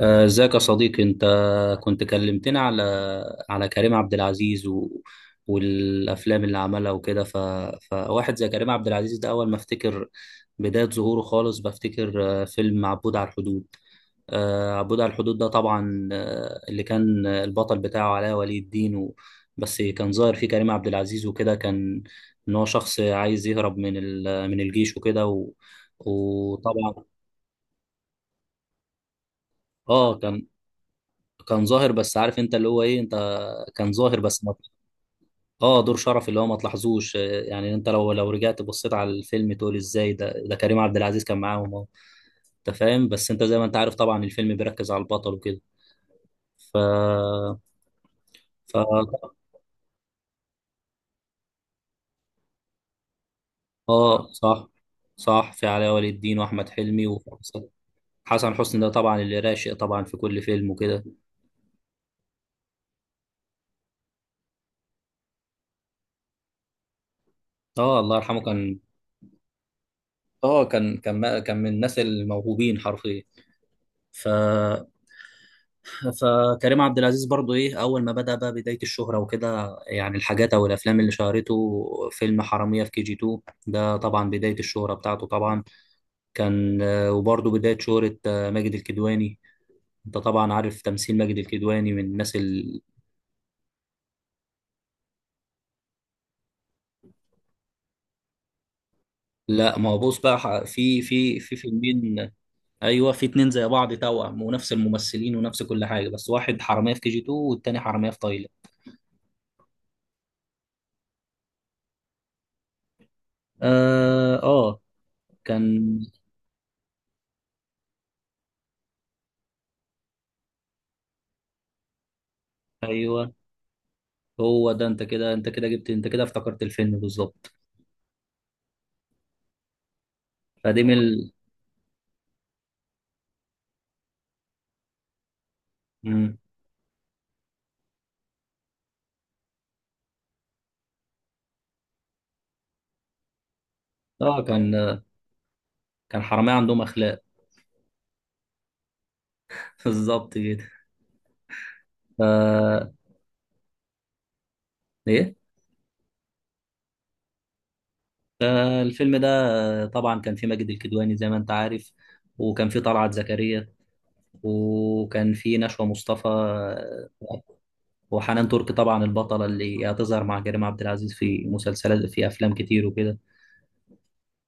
ازيك يا صديقي انت؟ كنت كلمتنا على كريم عبد العزيز والافلام اللي عملها وكده، فواحد زي كريم عبد العزيز ده اول ما افتكر بداية ظهوره خالص بفتكر فيلم عبود على الحدود. عبود على الحدود ده طبعا اللي كان البطل بتاعه علاء ولي الدين بس كان ظاهر فيه كريم عبد العزيز وكده. كان ان هو شخص عايز يهرب من من الجيش وكده وطبعا. اه، كان ظاهر، بس عارف انت اللي هو ايه انت. كان ظاهر بس ما... اه، دور شرف اللي هو ما تلاحظوش. يعني انت لو رجعت بصيت على الفيلم تقول ازاي ده كريم عبد العزيز كان معاهم اهو. انت فاهم، بس انت زي ما انت عارف طبعا الفيلم بيركز على البطل وكده. ف ف اه صح، صح، في علاء ولي الدين واحمد حلمي وحسن حسني. ده طبعا اللي راشق طبعا في كل فيلم وكده. اه، الله يرحمه كان. اه، كان من الناس الموهوبين حرفيا. ف فكريم عبد العزيز برضو ايه اول ما بدأ بقى بداية الشهرة وكده، يعني الحاجات او الافلام اللي شهرته فيلم حرامية في كي جي 2. ده طبعا بداية الشهرة بتاعته طبعا. كان وبرضو بداية شهرة ماجد الكدواني. انت طبعا عارف تمثيل ماجد الكدواني من الناس لا، ما هو بص بقى، في فيلمين. ايوه، في اتنين زي بعض، توأم ونفس الممثلين ونفس كل حاجة، بس واحد حرامية في كي جي 2 والتاني حرامية في تايلاند. اه، كان. ايوه، هو ده، انت كده، جبت، انت كده افتكرت الفيلم بالظبط. فدي من مم. اه، كان حرامية عندهم اخلاق. بالظبط كده. ف ايه فالفيلم ده طبعا كان فيه ماجد الكدواني زي ما انت عارف، وكان فيه طلعت زكريا، وكان فيه نشوى مصطفى وحنان ترك طبعا البطلة اللي هتظهر مع كريم عبد العزيز في مسلسلات، في أفلام كتير وكده.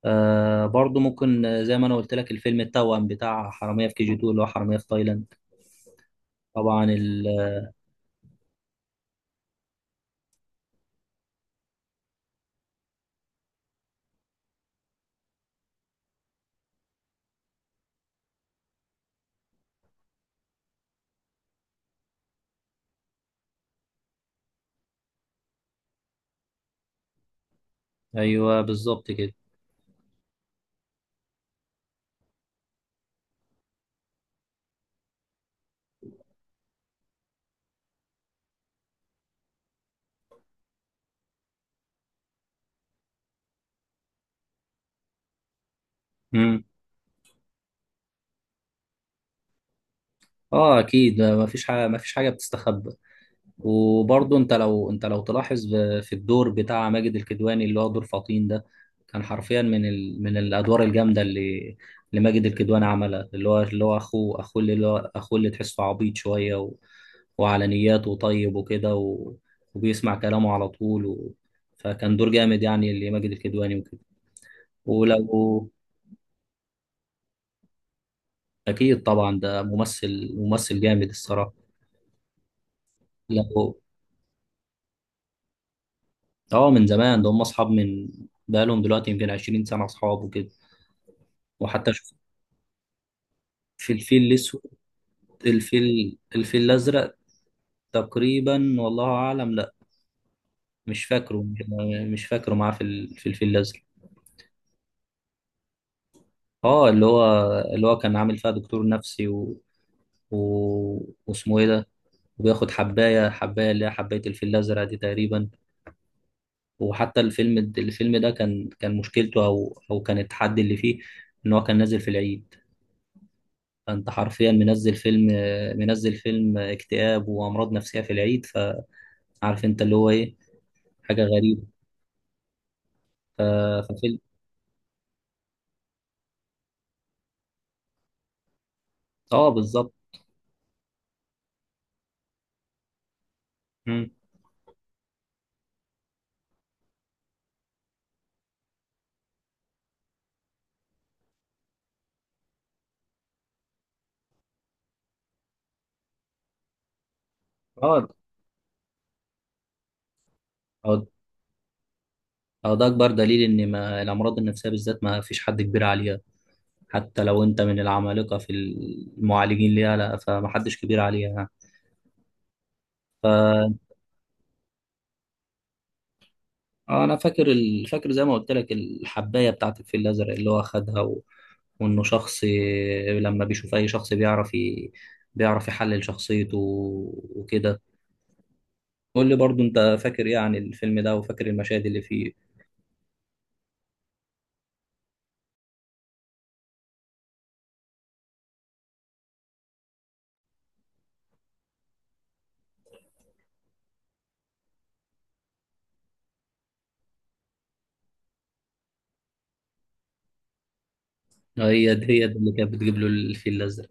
آه، برضو ممكن زي ما أنا قلت لك، الفيلم التوأم بتاع حرامية في كي جي 2 اللي هو حرامية في تايلاند. طبعا ايوه بالظبط كده. امم اه، اكيد، ما فيش حاجه بتستخبى. وبرضه انت لو، تلاحظ، في الدور بتاع ماجد الكدواني اللي هو دور فطين ده، كان حرفيا من من الادوار الجامده اللي، اللي ماجد الكدواني عملها، اللي هو، اخوه، اللي اخوه اللي تحسه عبيط شويه وعلى نياته طيب وكده وبيسمع كلامه على طول فكان دور جامد يعني اللي ماجد الكدواني وكده. ولو، اكيد طبعا ده ممثل، جامد الصراحه. لو، اه، من زمان، ده هم اصحاب من، بقالهم دلوقتي يمكن 20 سنه اصحاب وكده، وحتى شوف. في الفيل الاسود، الفيل الازرق تقريبا والله اعلم. لا، مش فاكره. مش فاكره معاه في في الفيل الازرق. اه، اللي هو، اللي هو كان عامل فيها دكتور نفسي و... واسمه ايه ده. وبياخد حبايه، اللي هي حبايه الفيل الازرق دي تقريبا. وحتى الفيلم، ده كان مشكلته، او كان التحدي اللي فيه ان هو كان نازل في العيد. فانت حرفيا منزل فيلم، اكتئاب وامراض نفسيه في العيد. فعارف انت اللي هو ايه، حاجه غريبه. ف- ففيلم، اه، بالظبط. مم. اه. اه. ده اكبر دليل ان ما الامراض النفسيه بالذات ما فيش حد كبير عليها. حتى لو انت من العمالقه في المعالجين ليها لا، فمحدش كبير عليها. انا فاكر فاكر زي ما قلت لك، الحبايه بتاعت الفيل الازرق اللي هو خدها وانه شخص لما بيشوف اي شخص بيعرف بيعرف يحلل شخصيته وكده. قول لي برضو، انت فاكر ايه عن الفيلم ده، وفاكر المشاهد اللي فيه. هي دي اللي كانت بتجيب له الفيل الازرق.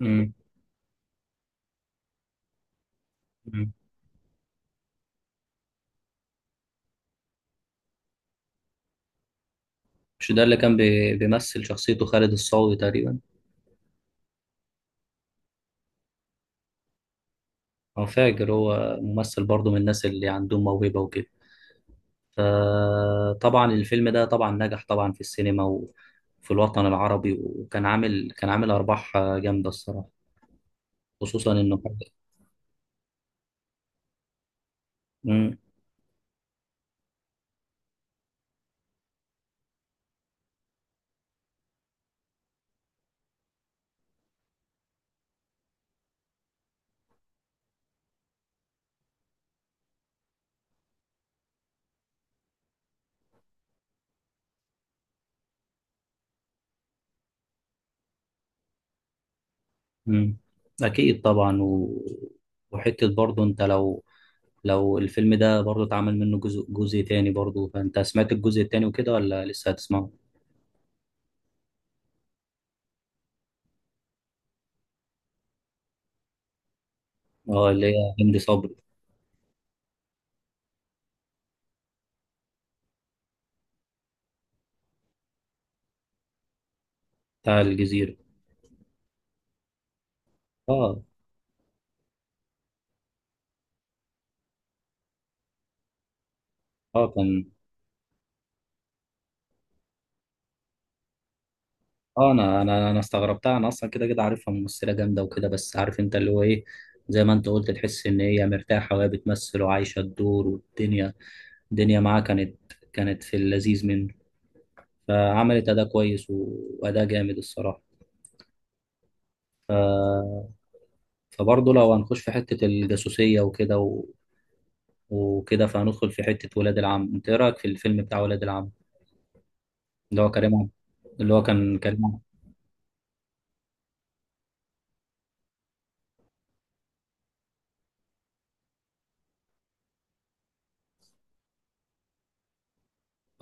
مم. مم. مش ده اللي كان بيمثل شخصيته خالد الصاوي تقريبا. انا فاكر هو ممثل برضو من الناس اللي عندهم موهبه وكده. فطبعا الفيلم ده طبعا نجح طبعا في السينما وفي الوطن العربي، وكان عامل، كان عامل ارباح جامده الصراحه، خصوصا انه حاجه. مم. مم. اكيد طبعا وحته برضه انت لو، لو الفيلم ده برضه اتعمل منه جزء تاني، برضه فانت سمعت الجزء التاني وكده ولا لسه هتسمعه؟ اه، اللي هي هند صبري. بتاع الجزيره. اه. اه كان. اه، انا، استغربتها. انا اصلا كده عارفها ممثله جامده وكده، بس عارف انت اللي هو ايه، زي ما انت قلت، تحس ان هي مرتاحه وهي بتمثل وعايشه الدور والدنيا. الدنيا معاها كانت في اللذيذ منه. فعملت اداء كويس واداء جامد الصراحه. ف... فبرضه لو هنخش في حته الجاسوسيه وكده وكده فهندخل في حته ولاد العم. انت ايه رايك في الفيلم بتاع ولاد العم؟ اللي هو كريم عبد-، اللي هو كان كريم عبد-،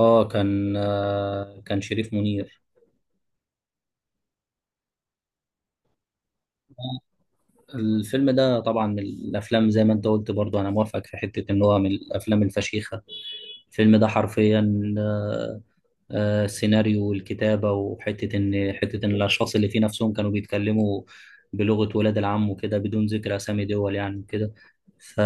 اه، كان شريف منير. الفيلم ده طبعا من الافلام، زي ما انت قلت برضو انا موافقك، في حته ان هو من الافلام الفشيخه. الفيلم ده حرفيا السيناريو والكتابه، وحته ان، حته ان الاشخاص اللي فيه نفسهم كانوا بيتكلموا بلغه ولاد العم وكده بدون ذكر اسامي دول يعني وكده. ف...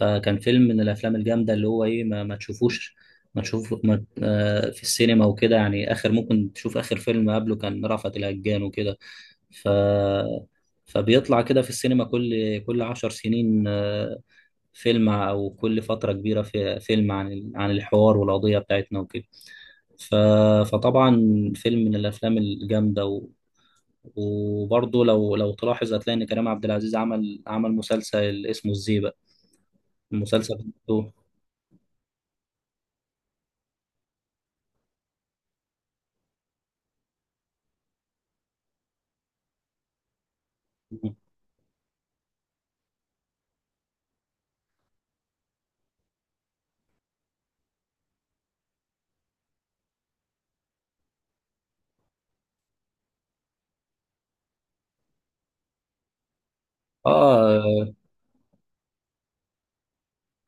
فكان فيلم من الافلام الجامده اللي هو ايه، ما تشوفوش، ما تشوف ما... في السينما وكده. يعني اخر ممكن تشوف اخر فيلم قبله كان رأفت الهجان وكده. ف فبيطلع كده في السينما كل 10 سنين فيلم، أو كل فترة كبيرة في فيلم عن عن الحوار والقضية بتاعتنا وكده. ف... فطبعا فيلم من الأفلام الجامدة وبرضه لو تلاحظ هتلاقي إن كريم عبد العزيز عمل مسلسل اسمه الزيبق. المسلسل بتاعته. آه.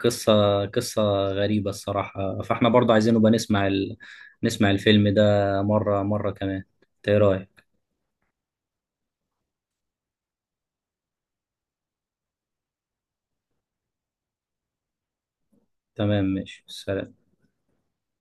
قصة غريبة الصراحة. فإحنا برضه عايزين نبقى نسمع نسمع الفيلم ده مرة كمان. إنت إيه رأيك؟ تمام، ماشي، سلام.